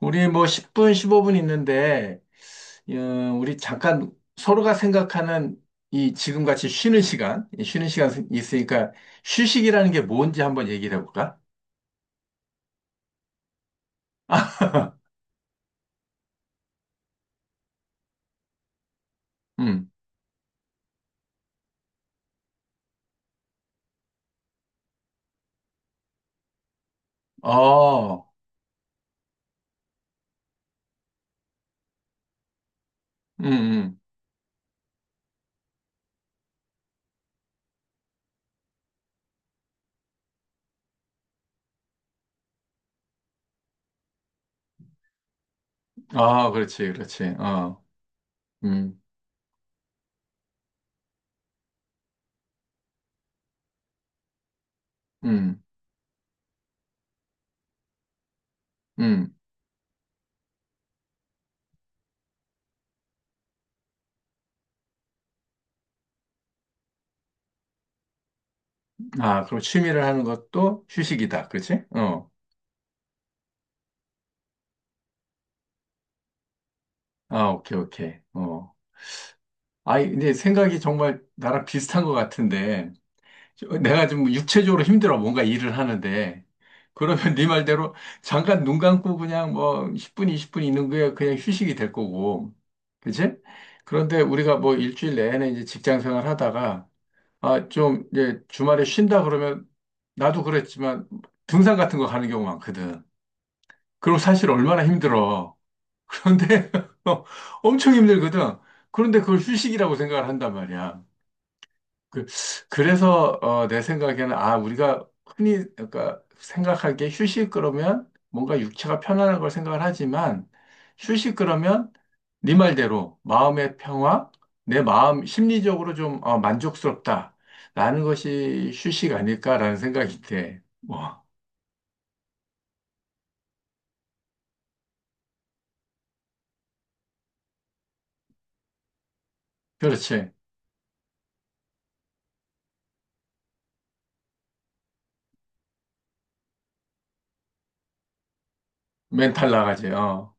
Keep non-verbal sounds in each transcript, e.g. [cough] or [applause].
우리 뭐 10분, 15분 있는데, 어, 우리 잠깐 서로가 생각하는 이 지금같이 쉬는 시간, 이 쉬는 시간 있으니까 휴식이라는 게 뭔지 한번 얘기를 해볼까? 음, 어, 음, 음. 아, 그렇지, 그렇지. 음, 음, 음. 아, 그럼 취미를 하는 것도 휴식이다. 그렇지? 아, 오케이, 오케이. 어. 아, 근데 생각이 정말 나랑 비슷한 것 같은데, 내가 지금 육체적으로 힘들어 뭔가 일을 하는데 그러면 네 말대로 잠깐 눈 감고 그냥 뭐 10분, 20분 있는 게 그냥 휴식이 될 거고. 그치? 그런데 우리가 뭐 일주일 내내 이제 직장 생활 하다가 아, 좀 이제 주말에 쉰다 그러면 나도 그랬지만 등산 같은 거 가는 경우 많거든. 그럼 사실 얼마나 힘들어. 그런데 [laughs] 엄청 힘들거든. 그런데 그걸 휴식이라고 생각을 한단 말이야. 그, 그래서 내 생각에는 아 우리가 흔히 그러니까 생각하기에 휴식 그러면 뭔가 육체가 편안한 걸 생각을 하지만 휴식 그러면 네 말대로 마음의 평화, 내 마음 심리적으로 좀 만족스럽다라는 것이 휴식 아닐까라는 생각이 돼. 뭐 그렇지 멘탈 나가지. 어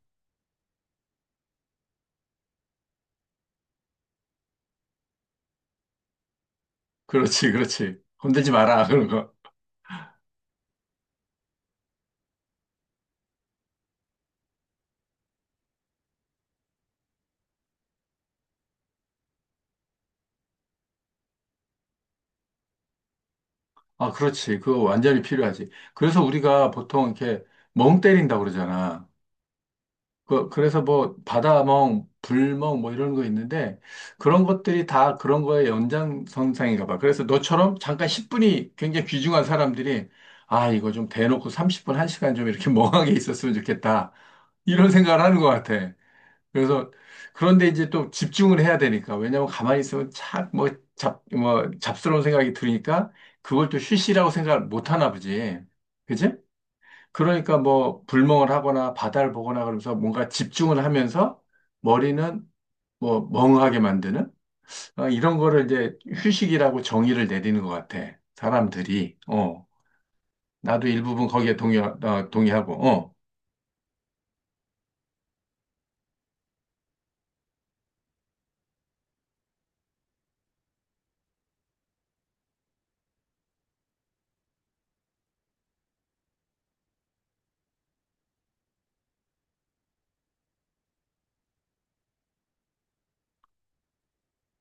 그렇지 그렇지 건들지 마라 [laughs] 그런 거. 아 그렇지 그거 완전히 필요하지. 그래서 우리가 보통 이렇게 멍 때린다고 그러잖아. 그래서 뭐 바다멍, 불멍 뭐 이런 거 있는데 그런 것들이 다 그런 거의 연장선상인가 봐. 그래서 너처럼 잠깐 10분이 굉장히 귀중한 사람들이 아, 이거 좀 대놓고 30분, 1시간 좀 이렇게 [laughs] 멍하게 있었으면 좋겠다. 이런 생각을 하는 것 같아. 그래서 그런데 이제 또 집중을 해야 되니까 왜냐면 가만히 있으면 착뭐 잡, 뭐 잡스러운 생각이 들으니까 그걸 또 휴식이라고 생각 못 하나 보지. 그지? 그러니까 뭐 불멍을 하거나 바다를 보거나 그러면서 뭔가 집중을 하면서 머리는 뭐 멍하게 만드는 이런 거를 이제 휴식이라고 정의를 내리는 것 같아. 사람들이. 어. 나도 일부분 거기에 동의, 동의하고. 어.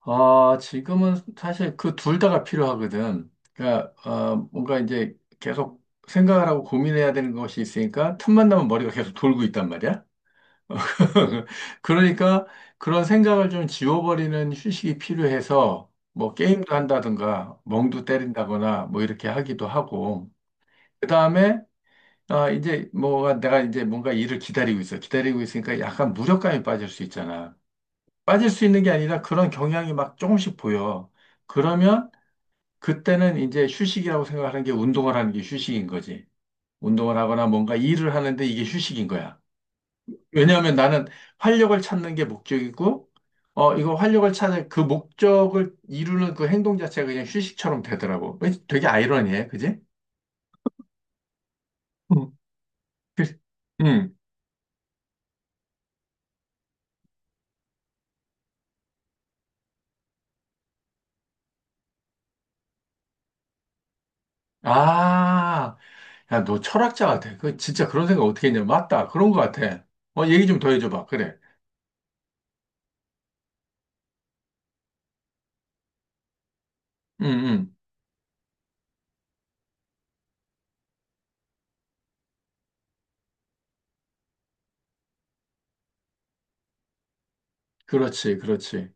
지금은 사실 그 둘 다가 필요하거든. 그러니까 뭔가 이제 계속 생각을 하고 고민해야 되는 것이 있으니까 틈만 나면 머리가 계속 돌고 있단 말이야. [laughs] 그러니까 그런 생각을 좀 지워버리는 휴식이 필요해서 뭐 게임도 한다든가 멍도 때린다거나 뭐 이렇게 하기도 하고 그다음에 아 이제 뭐가 내가 이제 뭔가 일을 기다리고 있어. 기다리고 있으니까 약간 무력감이 빠질 수 있잖아. 빠질 수 있는 게 아니라 그런 경향이 막 조금씩 보여. 그러면 그때는 이제 휴식이라고 생각하는 게 운동을 하는 게 휴식인 거지. 운동을 하거나 뭔가 일을 하는데 이게 휴식인 거야. 왜냐하면 나는 활력을 찾는 게 목적이고, 이거 활력을 찾는 그 목적을 이루는 그 행동 자체가 그냥 휴식처럼 되더라고. 왠지 되게 아이러니해, 그지? 응. 그- 응. 아, 야, 너 철학자 같아. 그 진짜 그런 생각 어떻게 했냐? 맞다. 그런 것 같아. 얘기 좀 더 해줘봐. 그래. 응, 응. 그렇지, 그렇지.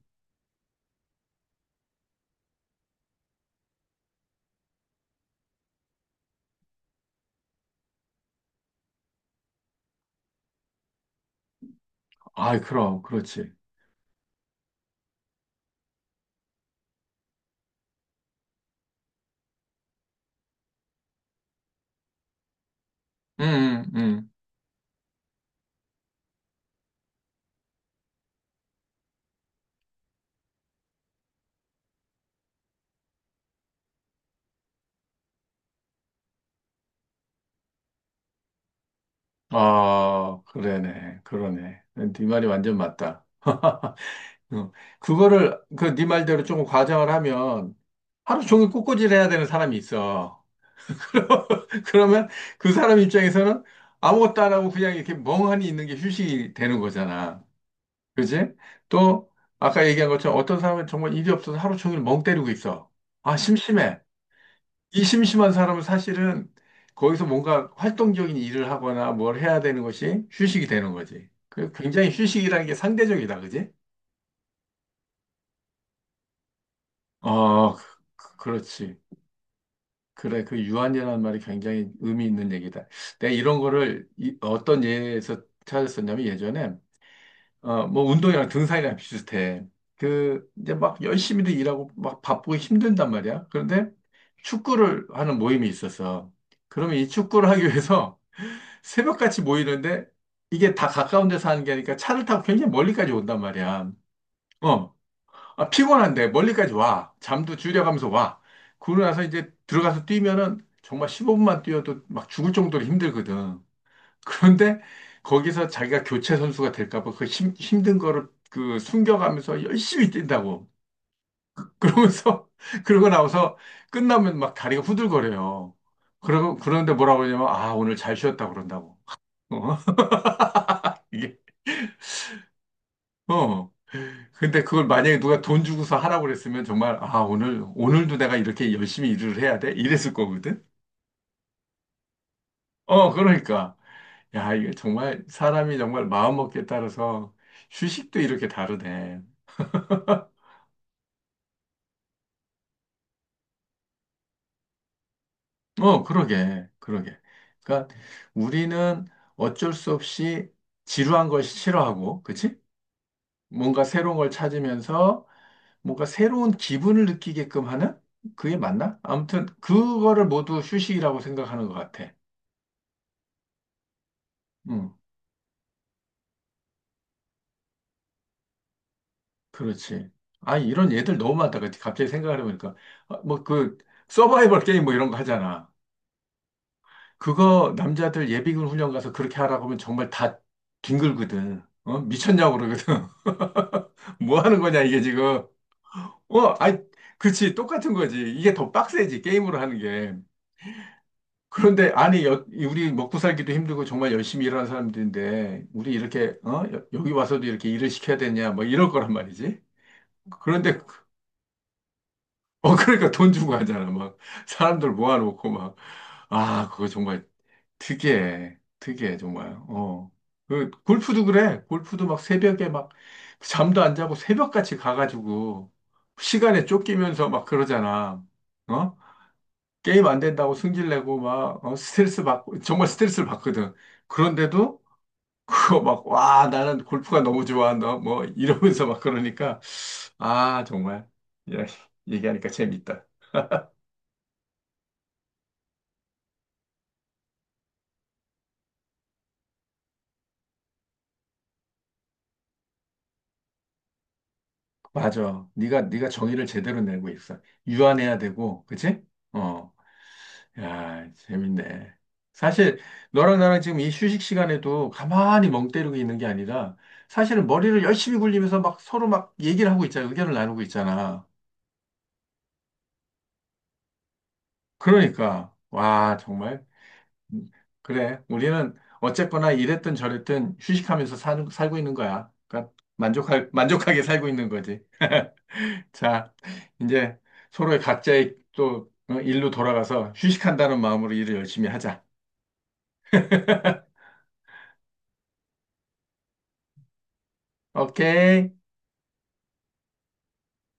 아이, 그럼, 그렇지. 응, 응, 응. 아, 그러네, 그러네. 네 말이 완전 맞다. [laughs] 어, 그거를 그 네 말대로 조금 과장을 하면 하루 종일 꽃꽂이를 해야 되는 사람이 있어. [laughs] 그러면 그 사람 입장에서는 아무것도 안 하고 그냥 이렇게 멍하니 있는 게 휴식이 되는 거잖아. 그지? 또 아까 얘기한 것처럼 어떤 사람은 정말 일이 없어서 하루 종일 멍 때리고 있어. 아, 심심해. 이 심심한 사람은 사실은 거기서 뭔가 활동적인 일을 하거나 뭘 해야 되는 것이 휴식이 되는 거지. 그 굉장히 휴식이라는 게 상대적이다. 그지? 어, 그- 그렇지. 그래, 그 유한이라는 말이 굉장히 의미 있는 얘기다. 내가 이런 거를 어떤 예에서 찾았었냐면 예전에 뭐 운동이랑 등산이랑 비슷해. 그 이제 막 열심히도 일하고 막 바쁘고 힘든단 말이야. 그런데 축구를 하는 모임이 있었어. 그러면 이 축구를 하기 위해서 [laughs] 새벽같이 모이는데 이게 다 가까운 데서 하는 게 아니니까 차를 타고 굉장히 멀리까지 온단 말이야. 어, 아, 피곤한데 멀리까지 와. 잠도 줄여가면서 와. 그러고 나서 이제 들어가서 뛰면은 정말 15분만 뛰어도 막 죽을 정도로 힘들거든. 그런데 거기서 자기가 교체 선수가 될까 봐 그 힘든 거를 그 숨겨가면서 열심히 뛴다고. 그러면서 [laughs] 그러고 나서 끝나면 막 다리가 후들거려요. 그러고 그런데 뭐라고 그러냐면 아, 오늘 잘 쉬었다 그런다고. [laughs] 어? 이게 어. 근데 그걸 만약에 누가 돈 주고서 하라고 그랬으면 정말, 오늘도 내가 이렇게 열심히 일을 해야 돼? 이랬을 거거든? 어, 그러니까. 야, 이게 정말 사람이 정말 마음먹기에 따라서 휴식도 이렇게 다르네. 어, 그러게, 그러게. 그러니까 우리는 어쩔 수 없이 지루한 걸 싫어하고, 그치? 뭔가 새로운 걸 찾으면서 뭔가 새로운 기분을 느끼게끔 하는? 그게 맞나? 아무튼, 그거를 모두 휴식이라고 생각하는 것 같아. 음. 그렇지. 아, 이런 얘들 너무 많다. 그 갑자기 생각을 해보니까. 어, 뭐그 서바이벌 게임 뭐 이런 거 하잖아. 그거 남자들 예비군 훈련 가서 그렇게 하라고 하면 정말 다 뒹굴거든. 어? 미쳤냐고 그러거든. [laughs] 뭐 하는 거냐, 이게 지금. 어, 아이, 그치. 똑같은 거지. 이게 더 빡세지, 게임으로 하는 게. 그런데, 아니, 우리 먹고 살기도 힘들고 정말 열심히 일하는 사람들인데, 우리 이렇게, 어? 여기 와서도 이렇게 일을 시켜야 되냐, 뭐 이럴 거란 말이지. 그런데 그러니까 돈 주고 하잖아. 막, 사람들 모아놓고 막, 아, 그거 정말 특이해. 특이해, 정말. 어. 그, 골프도 그래. 골프도 막 새벽에 막, 잠도 안 자고 새벽같이 가가지고, 시간에 쫓기면서 막 그러잖아. 어? 게임 안 된다고 승질내고 막, 스트레스 받고, 정말 스트레스를 받거든. 그런데도, 그거 막, 와, 나는 골프가 너무 좋아한다. 뭐, 이러면서 막 그러니까, 아, 정말. 야, 얘기하니까 재밌다. 맞아. 네가 정의를 제대로 내고 있어. 유한해야 되고, 그치? 어, 야, 재밌네. 사실 너랑 나랑 지금 이 휴식 시간에도 가만히 멍 때리고 있는 게 아니라 사실은 머리를 열심히 굴리면서 막 서로 막 얘기를 하고 있잖아. 의견을 나누고 있잖아. 그러니까 와, 정말 음, 그래. 우리는 어쨌거나 이랬든 저랬든 휴식하면서 살고 있는 거야. 그러니까 만족할 만족하게 살고 있는 거지. 자, 이제 서로의 각자의 또 어, 일로 돌아가서 휴식한다는 마음으로 일을 열심히 하자. [laughs] 오케이.